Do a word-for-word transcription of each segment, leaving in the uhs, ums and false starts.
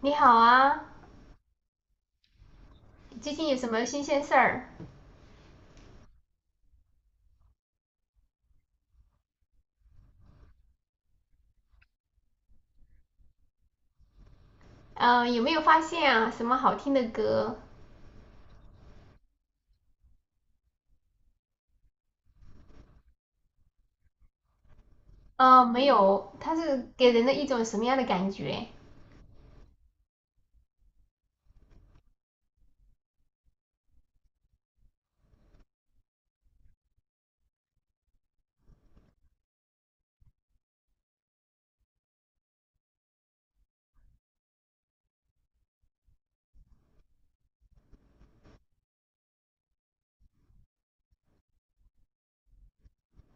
你好啊，最近有什么新鲜事儿？嗯，有没有发现啊，什么好听的歌？嗯，没有，它是给人的一种什么样的感觉？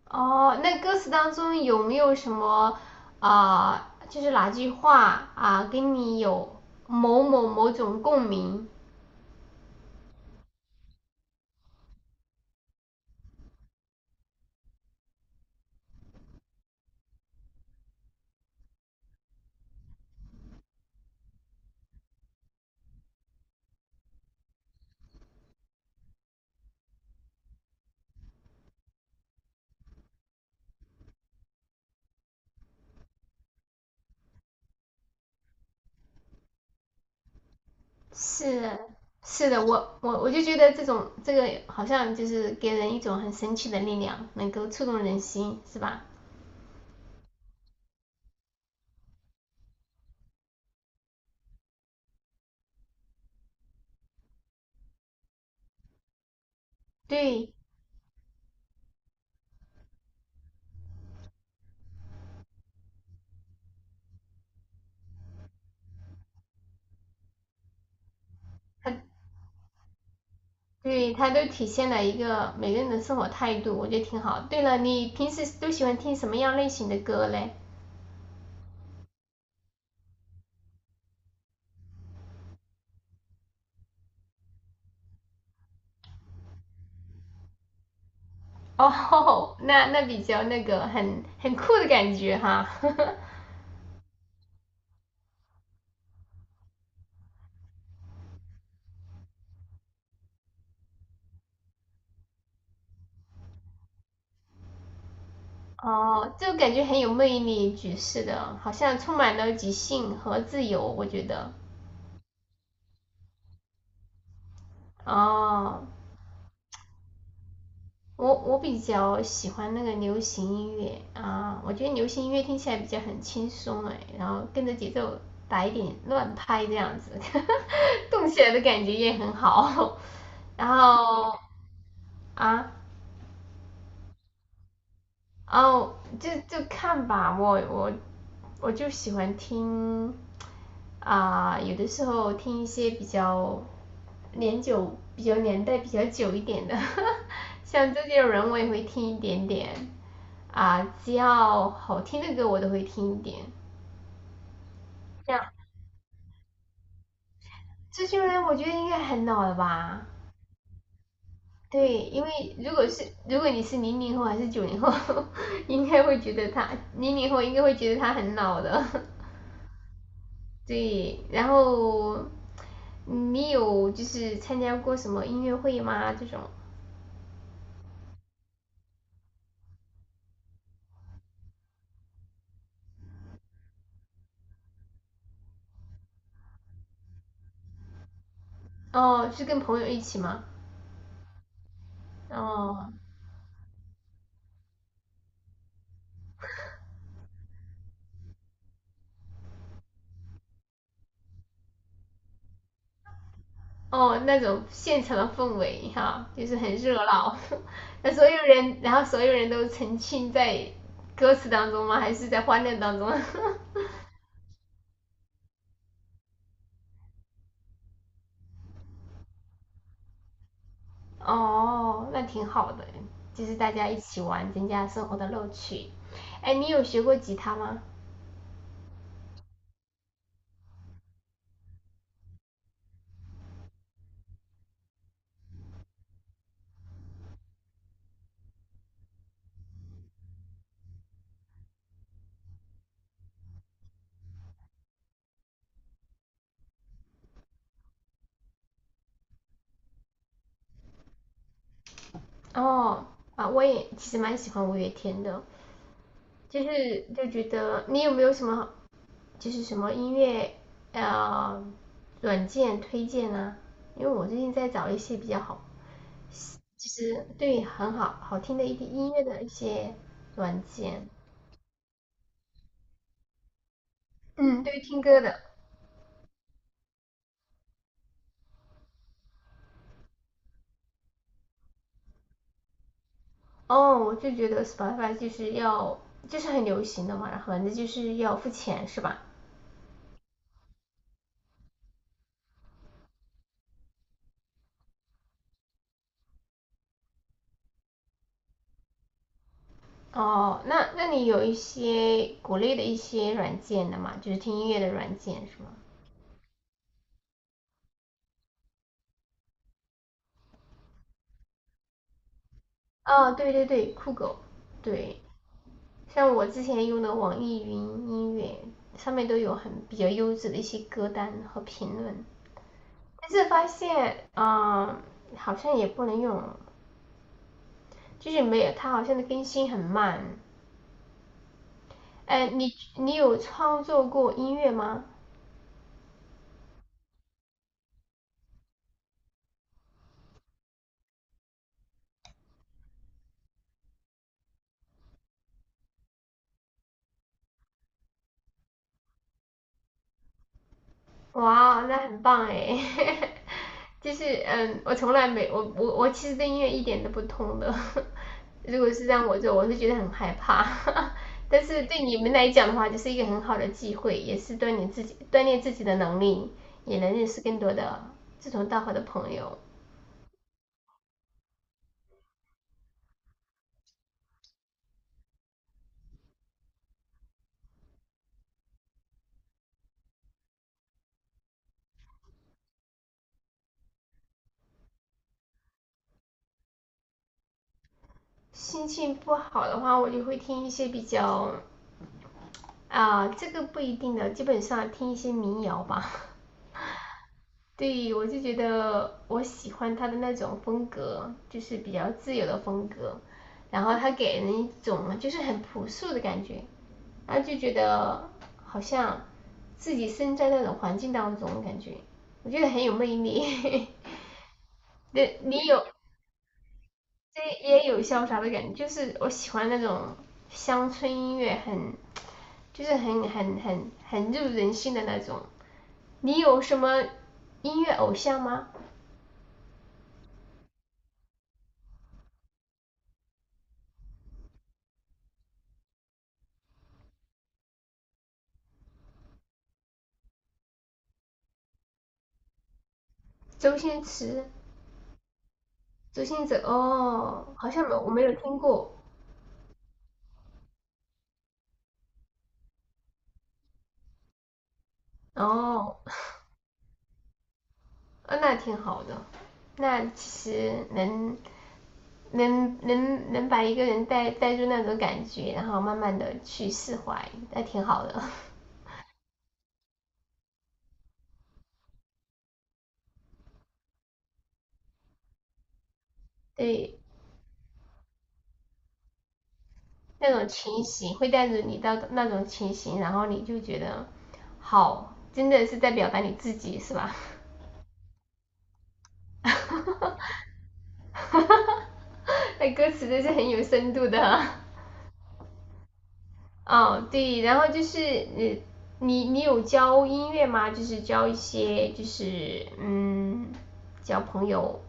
哦，那歌词当中有没有什么啊、就是哪句话啊，跟你有某某某种共鸣？是是的，我我我就觉得这种这个好像就是给人一种很神奇的力量，能够触动人心，是吧？对，它。对，它都体现了一个每个人的生活态度，我觉得挺好。对了，你平时都喜欢听什么样类型的歌嘞？哦，那那比较那个很很酷的感觉哈。哦，就感觉很有魅力，爵士的，好像充满了即兴和自由，我觉得。哦，我我比较喜欢那个流行音乐啊，我觉得流行音乐听起来比较很轻松哎，然后跟着节奏打一点乱拍这样子，动起来的感觉也很好。然后啊，哦，就就看吧，我我我就喜欢听啊、有的时候听一些比较年久、比较年代比较久一点的，像周杰伦我也会听一点点。啊、只要好听的歌我都会听一点。这样，这些人我觉得应该很老了吧？对，因为如果是如果你是零零后还是九零后，应该会觉得他零零后应该会觉得他很老的。对，然后你有就是参加过什么音乐会吗？这种？哦，是跟朋友一起吗？哦，哦，那种现场的氛围哈，就是很热闹，那所有人，然后所有人都沉浸在歌词当中吗？还是在欢乐当中？哦，那挺好的，就是大家一起玩，增加生活的乐趣。哎，你有学过吉他吗？哦，啊，我也其实蛮喜欢五月天的，就是就觉得你有没有什么就是什么音乐呃软件推荐啊？因为我最近在找一些比较好其实对很好好听的一些音乐的一些软件，嗯，对于听歌的哦，我就觉得 Spotify 就是要就是很流行的嘛，然后反正就是要付钱是吧？哦，那那你有一些国内的一些软件的嘛，就是听音乐的软件是吗？哦，对对对，酷狗，对，像我之前用的网易云音乐上面都有很比较优质的一些歌单和评论，但是发现，嗯、好像也不能用就是没有，它好像更新很慢。哎，你你有创作过音乐吗？哇，那很棒哎！就是嗯，我从来没我我我其实对音乐一点都不通的。如果是让我做，我是觉得很害怕。但是对你们来讲的话，就是一个很好的机会，也是锻炼自己锻炼自己的能力，也能认识更多的志同道合的朋友。心情不好的话，我就会听一些比较啊，这个不一定的，基本上听一些民谣吧。对，我就觉得我喜欢他的那种风格，就是比较自由的风格，然后他给人一种就是很朴素的感觉，然后就觉得好像自己身在那种环境当中，感觉我觉得很有魅力。对，你有，这也有潇洒的感觉，就是我喜欢那种乡村音乐很，就是很很很很入人心的那种。你有什么音乐偶像吗？周星驰、周星驰哦，好像没我没有听过哦，啊，那挺好的。那其实能能能能把一个人带带入那种感觉，然后慢慢的去释怀，那挺好的。对，那种情形会带着你到那种情形，然后你就觉得好，真的是在表达你自己，是吧？哈哈哈，那歌词都是很有深度的啊、哦，对，然后就是你你你有教音乐吗？就是教一些就是嗯，交朋友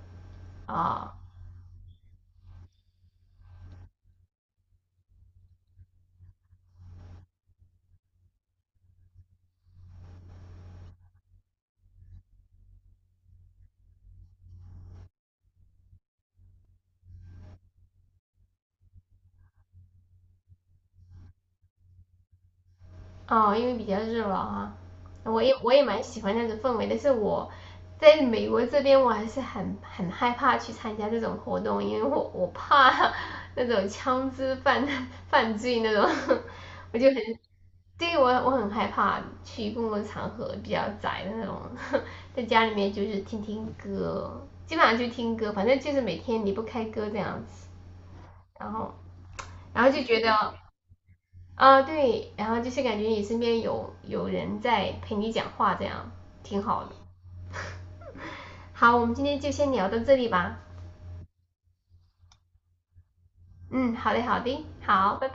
啊哦，因为比较热闹啊，我也我也蛮喜欢那种氛围，但是我在美国这边我还是很很害怕去参加这种活动，因为我我怕那种枪支犯 犯罪那种，我就很对我我很害怕去公共场合比较宅的那种，在家里面就是听听歌，基本上就听歌，反正就是每天离不开歌这样子。然后，然后就觉得啊对，然后就是感觉你身边有有人在陪你讲话，这样挺好的。好，我们今天就先聊到这里吧。嗯，好嘞，好的，好，拜。